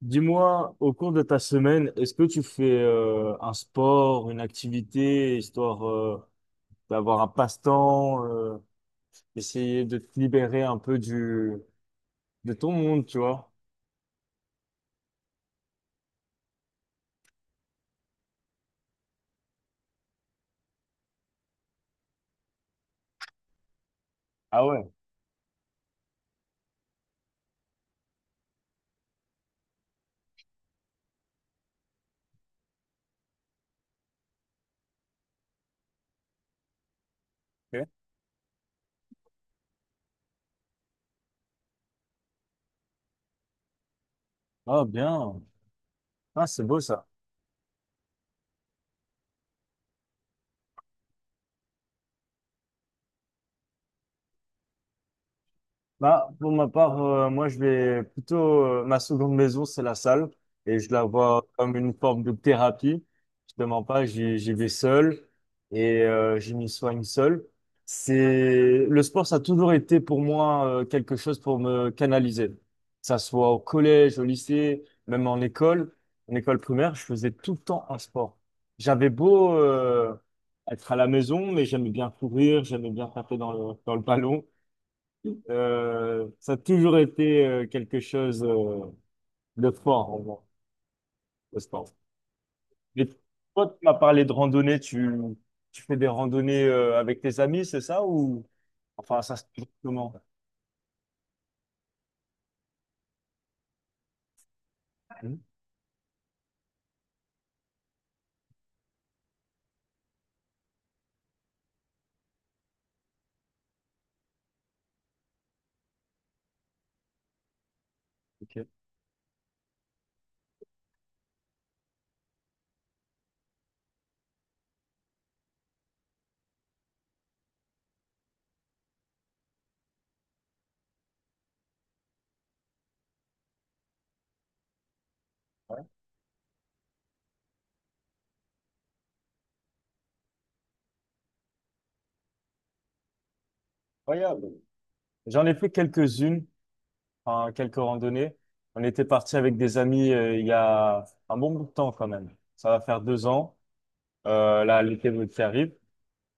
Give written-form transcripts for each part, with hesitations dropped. Dis-moi, au cours de ta semaine, est-ce que tu fais un sport, une activité, histoire d'avoir un passe-temps, essayer de te libérer un peu du de ton monde, tu vois? Ah ouais. Ok. Ah bien. Ah, c'est beau ça. Bah, pour ma part, moi, je vais plutôt, ma seconde maison, c'est la salle, et je la vois comme une forme de thérapie. Je te mens pas, j'y vais seul, et je m'y soigne seul. C'est, le sport, ça a toujours été pour moi quelque chose pour me canaliser. Que ça soit au collège, au lycée, même en école primaire, je faisais tout le temps un sport. J'avais beau être à la maison, mais j'aimais bien courir, j'aimais bien taper dans le ballon. Ça a toujours été quelque chose de fort en moi, le sport. Mais toi, tu m'as parlé de randonnée, tu fais des randonnées avec tes amis, c'est ça ou enfin ça se passe comment? Hmm, ok. Incroyable. J'en ai fait quelques-unes, enfin, quelques randonnées. On était parti avec des amis il y a un bon bout de temps quand même. Ça va faire 2 ans, là l'été qui arrive.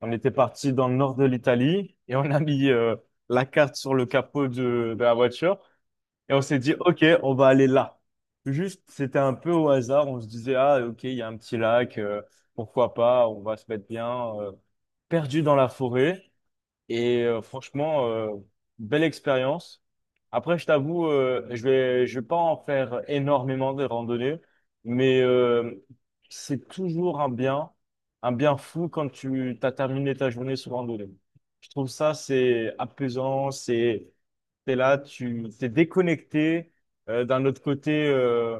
On était parti dans le nord de l'Italie et on a mis la carte sur le capot de la voiture et on s'est dit, OK, on va aller là. Juste, c'était un peu au hasard. On se disait, ah, OK, il y a un petit lac, pourquoi pas, on va se mettre bien euh, perdu dans la forêt. Et franchement, belle expérience. Après, je t'avoue, je vais pas en faire énormément de randonnées, mais c'est toujours un bien fou quand tu as terminé ta journée sur randonnée. Je trouve ça, c'est apaisant, c'est, t'es là, tu t'es déconnecté. D'un autre côté,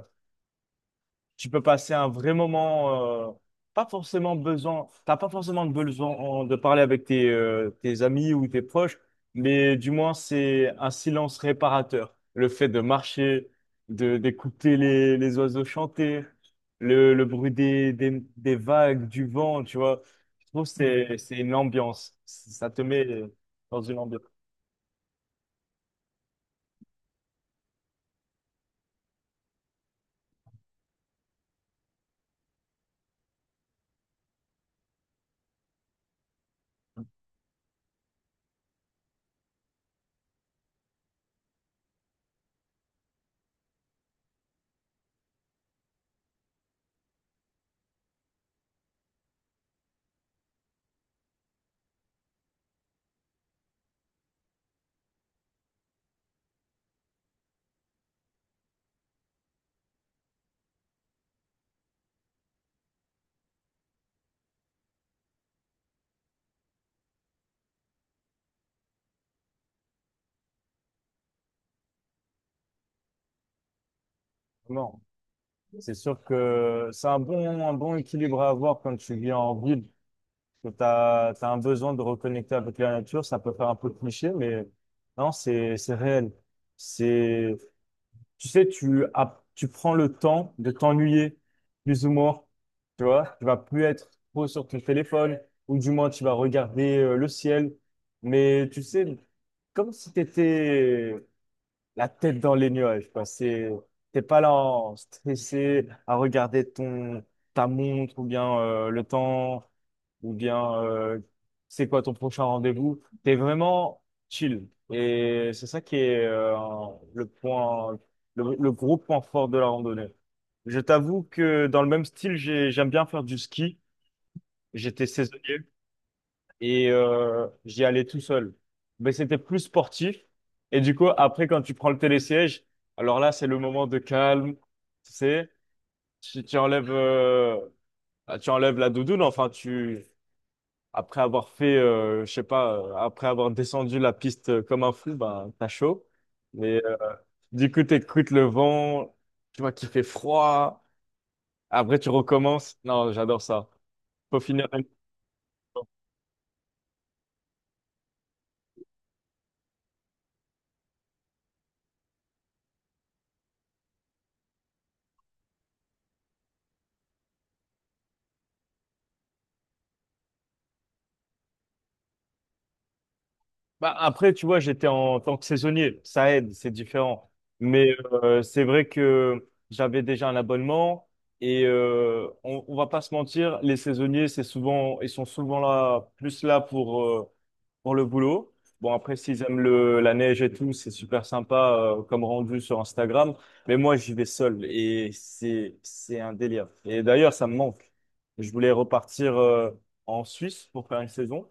tu peux passer un vrai moment, pas forcément besoin, t'as pas forcément besoin de parler avec tes amis ou tes proches, mais du moins c'est un silence réparateur. Le fait de marcher, de d'écouter les oiseaux chanter, le bruit des vagues, du vent, tu vois. Je trouve que c'est une ambiance. Ça te met dans une ambiance. Non, c'est sûr que c'est un bon équilibre à avoir quand tu vis en ville. Tu as, un besoin de reconnecter avec la nature, ça peut faire un peu cliché, mais non, c'est réel. C'est, tu sais, tu prends le temps de t'ennuyer, plus ou moins. Tu vois, tu vas plus être trop sur ton téléphone, ou du moins tu vas regarder le ciel. Mais tu sais, comme si tu étais la tête dans les nuages, quoi. C'est, t'es pas là en stressé à regarder ta montre ou bien le temps ou bien c'est quoi ton prochain rendez-vous. T'es vraiment chill. Et c'est ça qui est le point, le gros point fort de la randonnée. Je t'avoue que dans le même style, j'aime bien faire du ski. J'étais saisonnier et j'y allais tout seul. Mais c'était plus sportif. Et du coup, après, quand tu prends le télésiège, alors là, c'est le moment de calme. Tu sais, tu enlèves, tu enlèves la doudoune. Enfin, tu, après avoir fait, je sais pas, après avoir descendu la piste comme un fou, ben, t'as chaud. Mais du coup, t'écoutes le vent, tu vois qu'il fait froid. Après, tu recommences. Non, j'adore ça. Faut finir. Bah, après, tu vois, j'étais en tant que saisonnier, ça aide, c'est différent. Mais c'est vrai que j'avais déjà un abonnement et on va pas se mentir, les saisonniers, c'est souvent, ils sont souvent là, plus là pour le boulot. Bon, après, s'ils aiment la neige et tout, c'est super sympa comme rendu sur Instagram. Mais moi, j'y vais seul et c'est un délire. Et d'ailleurs, ça me manque. Je voulais repartir en Suisse pour faire une saison.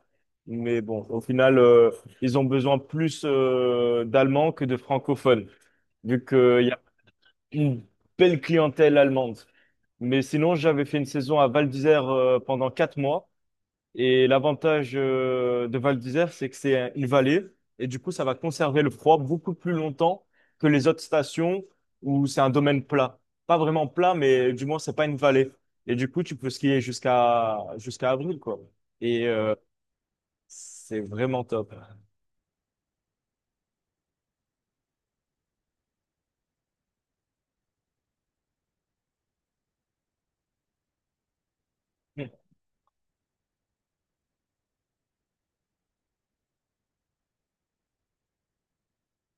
Mais bon, au final, ils ont besoin plus d'Allemands que de francophones, vu qu'il y a une belle clientèle allemande. Mais sinon, j'avais fait une saison à Val d'Isère pendant 4 mois. Et l'avantage de Val d'Isère, c'est que une vallée et du coup, ça va conserver le froid beaucoup plus longtemps que les autres stations où c'est un domaine plat. Pas vraiment plat, mais du moins, c'est pas une vallée. Et du coup, tu peux skier jusqu'à avril, quoi. Et c'est vraiment top.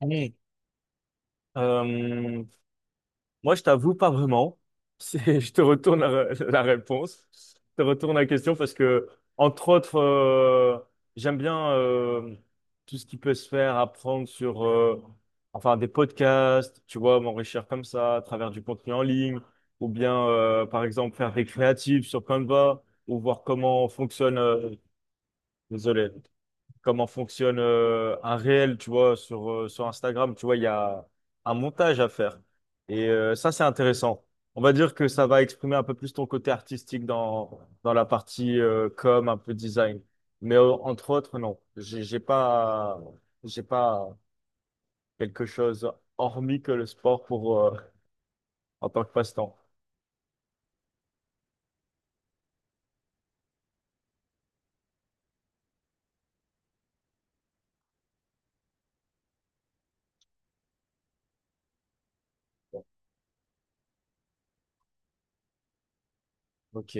Mmh. Euh, moi, je t'avoue pas vraiment. C'est- Je te retourne la réponse. Je te retourne la question parce que, entre autres, j'aime bien tout ce qui peut se faire, apprendre sur enfin, des podcasts, tu vois, m'enrichir comme ça à travers du contenu en ligne, ou bien, par exemple, faire des créatives sur Canva, ou voir comment fonctionne, désolé, comment fonctionne un réel, tu vois, sur Instagram. Tu vois, il y a un montage à faire. Et ça, c'est intéressant. On va dire que ça va exprimer un peu plus ton côté artistique dans la partie com, un peu design. Mais entre autres, non. J'ai pas quelque chose hormis que le sport pour, en tant que passe-temps. Ok,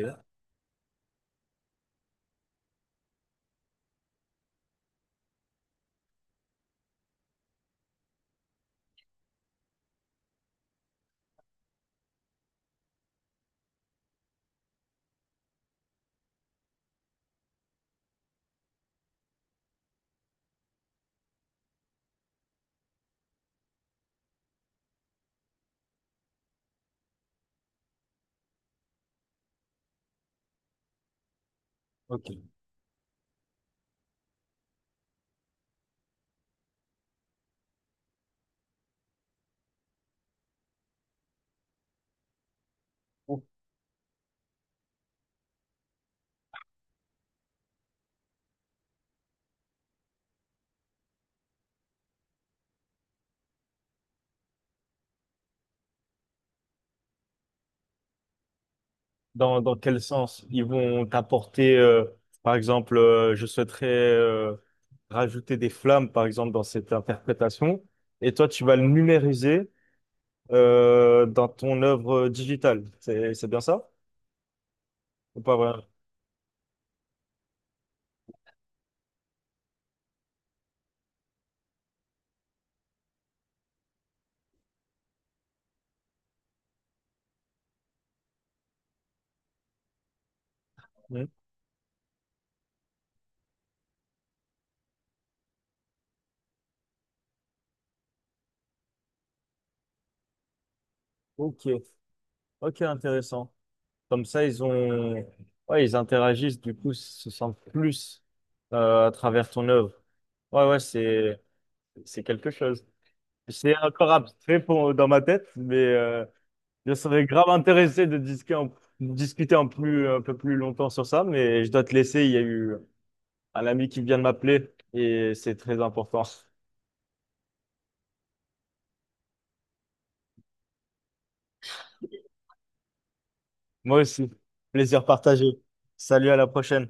ok. Dans, dans quel sens? Ils vont t'apporter, par exemple, je souhaiterais rajouter des flammes, par exemple, dans cette interprétation, et toi, tu vas le numériser dans ton œuvre digitale. C'est bien ça? Ou pas vrai. Ok, ok, intéressant. Comme ça, ils ont, ouais, ils interagissent, du coup, ils se sentent plus à travers ton œuvre. Ouais, ouais, c'est quelque chose. C'est encore abstrait pour, dans ma tête, mais je serais grave intéressé de discuter en, discuter en plus, un peu plus longtemps sur ça, mais je dois te laisser. Il y a eu un ami qui vient de m'appeler et c'est très important. Moi aussi. Plaisir partagé. Salut, à la prochaine.